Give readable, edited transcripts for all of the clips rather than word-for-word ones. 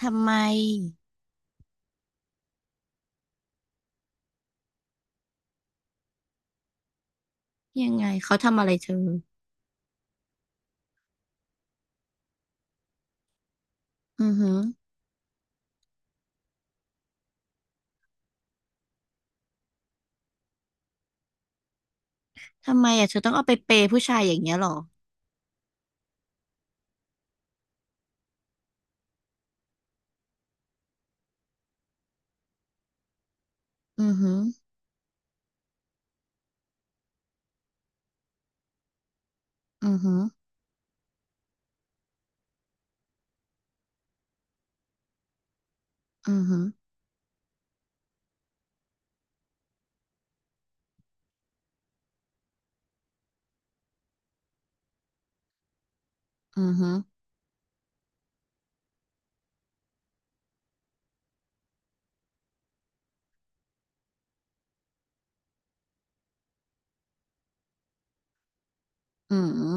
ทำไมยังไงเขาทำอะไรเธออือหือทำไมอ่ะเธอต้องเอาไปเปย์ผู้ชายอย่างเงี้ยหรออือหืออือหืออือหืออือหืออือหือ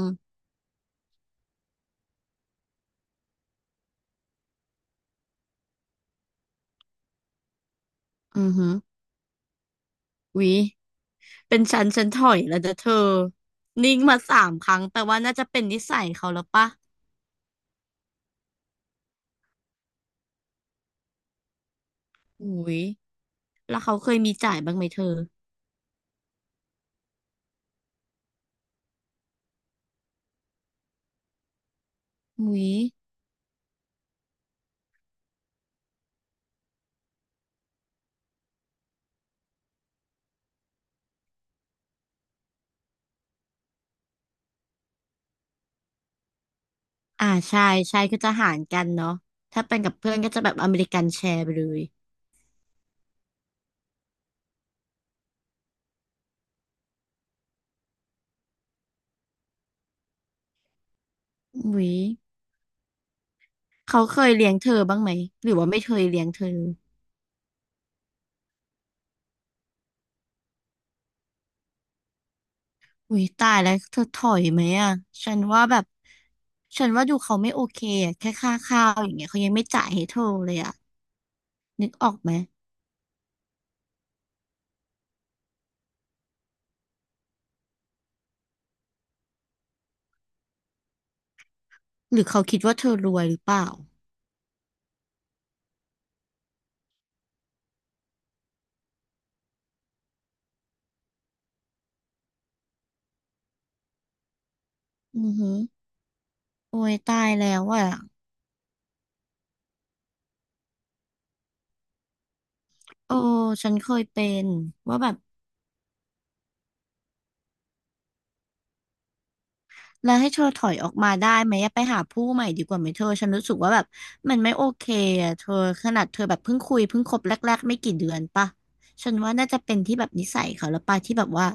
อือหือวิเป็นฉันถอยแล้วนะเธอนิ่งมา3 ครั้งแปลว่าน่าจะเป็นนิสัยเขาแล้วปะอุ้ยแล้วเขาเคยมีจ่ายบ้างไหมเธออุ้ยอ่าใช่ใช่ก็จะหารกันเนาะถ้าเป็นกับเพื่อนก็จะแบบอเมริกันแชร์ไปเลยอุ้ยเขาเคยเลี้ยงเธอบ้างไหมหรือว่าไม่เคยเลี้ยงเธอ อุ้ยตายแล้วเธอถอยไหมอ่ะฉันว่าแบบ ฉันว่าดูเขาไม่โอเคอะแค่ค่าข้าวอย่างเงี้ยเขายังไม่จ่ายให้เธอเลยอ่ะนึกออกไหม หรือเขาคิดว่าเธอรวยหรือเปล่า อือหือโอ้ยตายแล้วอ่ะ โอ้ ฉันเคยเป็น ว่าแบบ แล้วให้เธอถอยออกมาได้ไหมอะไปหาผู้ใหม่ดีกว่าไหมเธอฉันรู้สึกว่าแบบมันไม่โอเคอะเธอขนาดเธอแบบเพิ่งคุยเพิ่งคบแรกๆไม่กี่เดือนปะฉันว่าน่าจะเป็นที่แบบนิสัยเขาแล้วปะที่แบบว่า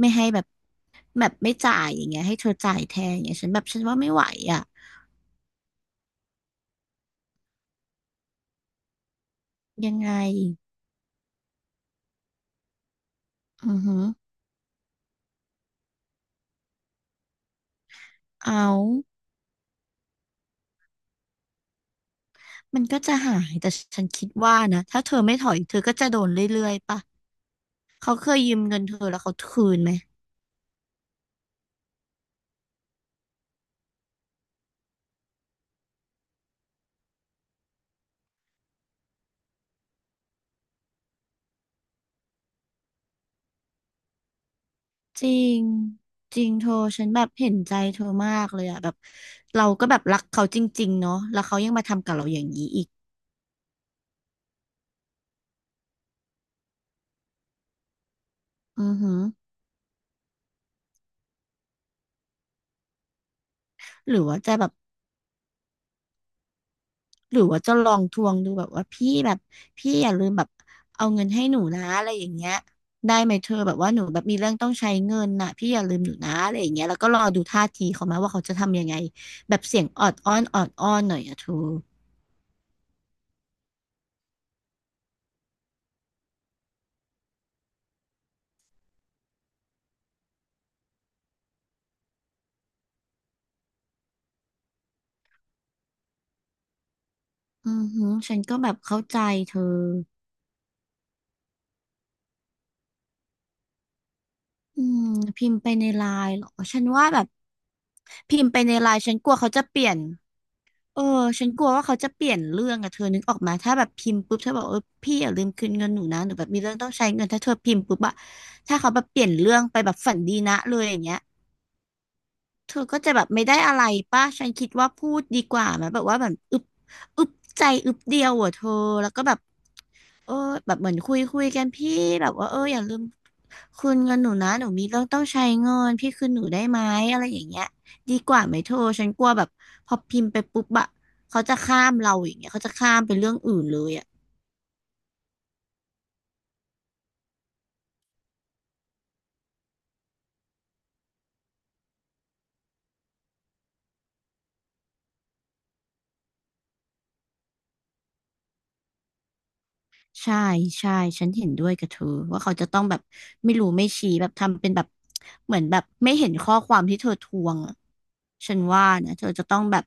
ไม่ให้แบบแบบไม่จ่ายอย่างเงี้ยให้เธอจ่ายแทนอย่างเงี้ยฉันแบบฉันว่าไม่ไหวอะยังไงอือหือเอามันก็จะหายแต่ฉันคิดว่านะถ้าเธอไม่ถอยเธอก็จะโดนเรื่อยๆปะเขาเคยยืมเงินเธอแล้วเขาคืนไหม จริงจริงเธอฉันแบบเห็นใจเธอมากเลยอะแบบเราก็แบบรักเขาจริงๆเนาะแล้วเขายังมาทำกับเราอย่างนี้อีกอือหือหรือว่าจะแบบหรือว่าจะลองทวงดูแบบว่าพี่แบบพี่อย่าลืมแบบเอาเงินให้หนูนะอะไรอย่างเงี้ยได้ไหมเธอแบบว่าหนูแบบมีเรื่องต้องใช้เงินน่ะพี่อย่าลืมหนูนะอะไรอย่างเงี้ยแล้วก็รอดูท่าทีเขามาว่าเขาจะทำยังไงแบบเสียงออดอ้อนออดอ้อนหน่อยอะเธออือหือฉันก็แบบเข้าใจเธอ อืมพิมพ์ไปในไลน์เหรอฉันว่าแบบพิมพ์ไปในไลน์ฉันกลัวเขาจะเปลี่ยนเออฉันกลัวว่าเขาจะเปลี่ยนเรื่องอะเธอนึกออกมาถ้าแบบพิมพ์ปุ๊บเธอบอกเออพี่อย่าลืมคืนเงินหนูนะหนูแบบมีเรื่องต้องใช้เงินถ้าเธอพิมพ์ปุ๊บอะถ้าเขาแบบเปลี่ยนเรื่องไปแบบฝันดีนะเลยอย่างเงี้ยเธอก็จะแบบไม่ได้อะไรป่ะฉันคิดว่าพูดดีกว่าไหมแบบว่าแบบอึบใจอึบเดียวอะเธอแล้วก็แบบ เออแบบเหมือนคุยกันพี่แบบว่าเอออย่าลืมคืนเงินหนูนะหนูมีเรื่องต้องใช้เงินพี่คืนหนูได้ไหมอะไรอย่างเงี้ยดีกว่าไหมเธอฉันกลัวแบบพอพิมพ์ไปปุ๊บอะเขาจะข้ามเราอย่างเงี้ยเขาจะข้ามไปเรื่องอื่นเลยอะ ใช่ใช่ฉันเห็นด้วยกับเธอว่าเขาจะต้องแบบไม่รู้ไม่ชี้แบบทำเป็นแบบเหมือนแบบไม่เห็นข้อความที่เธอทวงอะฉันว่านะเธอจะต้องแบบ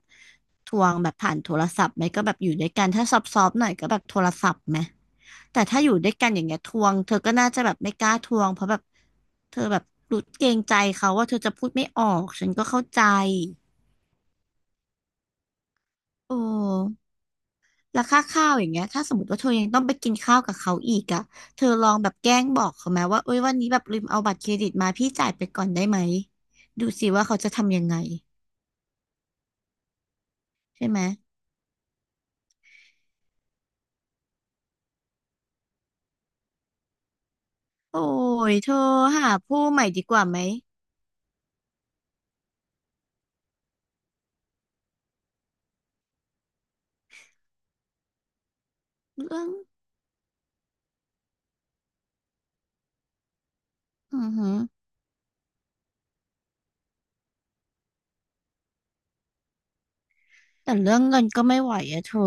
ทวงแบบผ่านโทรศัพท์ไหมก็แบบอยู่ด้วยกันถ้าซอฟๆหน่อยก็แบบโทรศัพท์ไหมแต่ถ้าอยู่ด้วยกันอย่างเงี้ยทวงเธอก็น่าจะแบบไม่กล้าทวงเพราะแบบเธอแบบรู้เกรงใจเขาว่าเธอจะพูดไม่ออกฉันก็เข้าใจโอ้ แล้วค่าข้าวอย่างเงี้ยถ้าสมมติว่าเธอยังต้องไปกินข้าวกับเขาอีกอะเธอลองแบบแกล้งบอกเขาไหมว่าเอ้ยวันนี้แบบลืมเอาบัตรเครดิตมาพี่จ่ายไปก่อนได้ไหม ดูสิว่าเขาจะทำยังไงใช่ไหม โอ้ยเธอหาผู้ใหม่ดีกว่าไหมเรื่องอือหือ แต่เรื่องเงินก็ไม่ไหวอะเธอ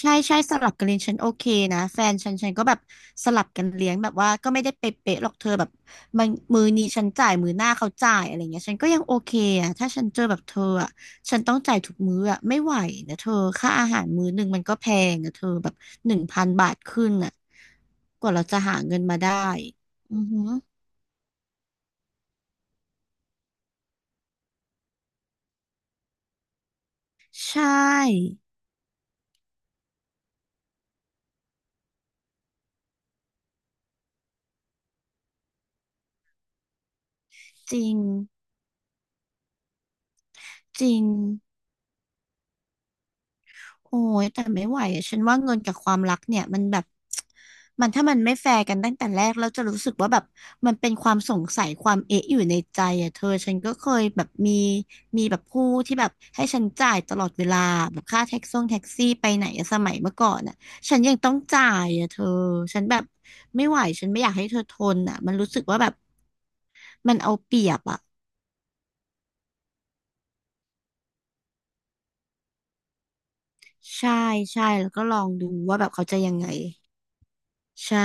ใช่ใช่สลับกันเลี้ยงฉันโอเคนะแฟนฉันฉันก็แบบสลับกันเลี้ยงแบบว่าก็ไม่ได้เป๊ะๆหรอกเธอแบบมันมือนี้ฉันจ่ายมือหน้าเขาจ่ายอะไรเงี้ยฉันก็ยังโอเคอะถ้าฉันเจอแบบเธออะฉันต้องจ่ายทุกมื้ออะไม่ไหวนะเธอค่าอาหารมื้อหนึ่งมันก็แพงอะเธอแบบ1,000 บาทขึ้นอะกว่าเราจะหาเงินมาได้อือหือใช่จริงจริงโอ้ยแต่ไม่ไหวอะฉันว่าเงินกับความรักเนี่ยมันแบบ มันถ้ามันไม่แฟร์กันตั้งแต่แรกแล้วจะรู้สึกว่าแบบมันเป็นความสงสัยความเอ๊ะอยู่ในใจอ่ะเธอฉันก็เคยแบบมีแบบผู้ที่แบบให้ฉันจ่ายตลอดเวลาแบบค่าแท็กซ่งแท็กซี่ไปไหนอะสมัยเมื่อก่อนอ่ะฉันยังต้องจ่ายอ่ะเธอฉันแบบไม่ไหวฉันไม่อยากให้เธอทนอ่ะมันรู้สึกว่าแบบมันเอาเปรียบอ่ะใช่ใช่แล้วก็ลองดูว่าแบบเขาจะยังไงใช่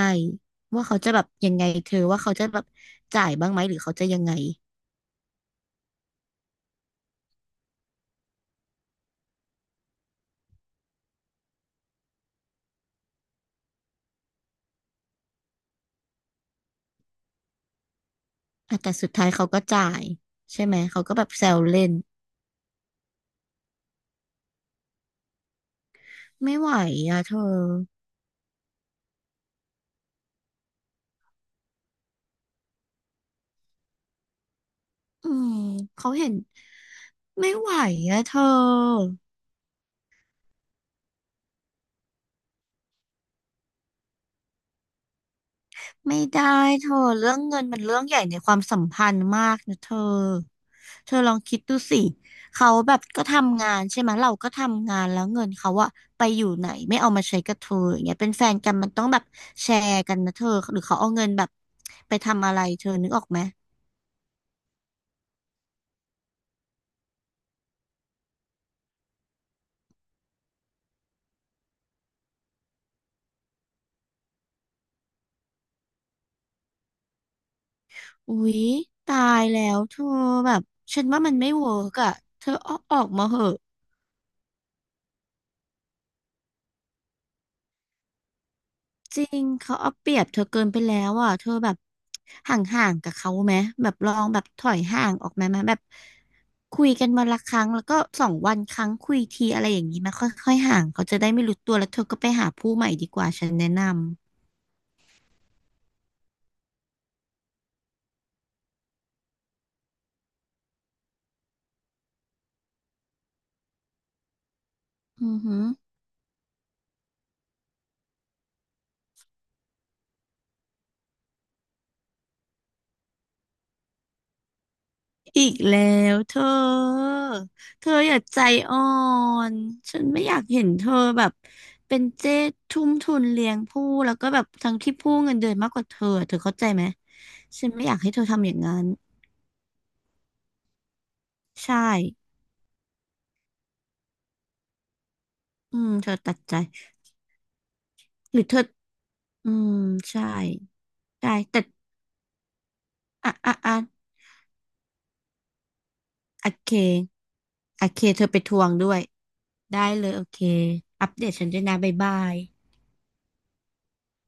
ว่าเขาจะแบบยังไงเธอว่าเขาจะแบบจ่ายบ้างไหมหรือเขาจะยังไง อ่ะแต่สุดท้ายเขาก็จ่ายใช่ไหมเขาก็แบบแซวเล่นไม่ไหวอ่ะเธออืมเขาเห็นไม่ไหวอ่ะเธอไม่ได้เธอเรื่องเงินมันเรื่องใหญ่ในความสัมพันธ์มากนะเธอเธอลองคิดดูสิเขาแบบก็ทำงานใช่ไหมเราก็ทำงานแล้วเงินเขาอะไปอยู่ไหนไม่เอามาใช้กับเธออย่างเงี้ยเป็นแฟนกันมันต้องแบบแชร์กันนะเธอหรือเขาเอาเงินแบบไปทำอะไรเธอนึกออกไหม อุ๊ยตายแล้วเธอแบบฉันว่ามันไม่เวิร์กอะเธอเอาออกมาเหอะจริงเขาเอาเปรียบเธอเกินไปแล้วอ่ะเธอแบบห่างๆกับเขาไหมแบบลองแบบถอยห่างออกมาไหมแบบคุยกันวันละครั้งแล้วก็สองวันครั้งคุยทีอะไรอย่างนี้ไหมาค่อยๆห่างเขาจะได้ไม่รู้ตัวแล้วเธอก็ไปหาผู้ใหม่ดีกว่าฉันแนะนำอือหือ อีกแล้วเธอ เธออย่าใจอ่อน ฉันไม่อยากเห็นเธอแบบเป็นเจ๊ทุ่มทุนเลี้ยงผู้แล้วก็แบบทั้งที่ผู้เงินเดือนมากกว่าเธอเธอเข้าใจไหม ฉันไม่อยากให้เธอทำอย่างนั้นใช่อืมเธอตัดใจหรือเธออืมใช่ได้แต่อ่ะอ่ะอ่ะโอเค โอเคเธอไปทวงด้วยได้เลยโอเคอัปเดตฉันด้วยนะบ๊ายบาย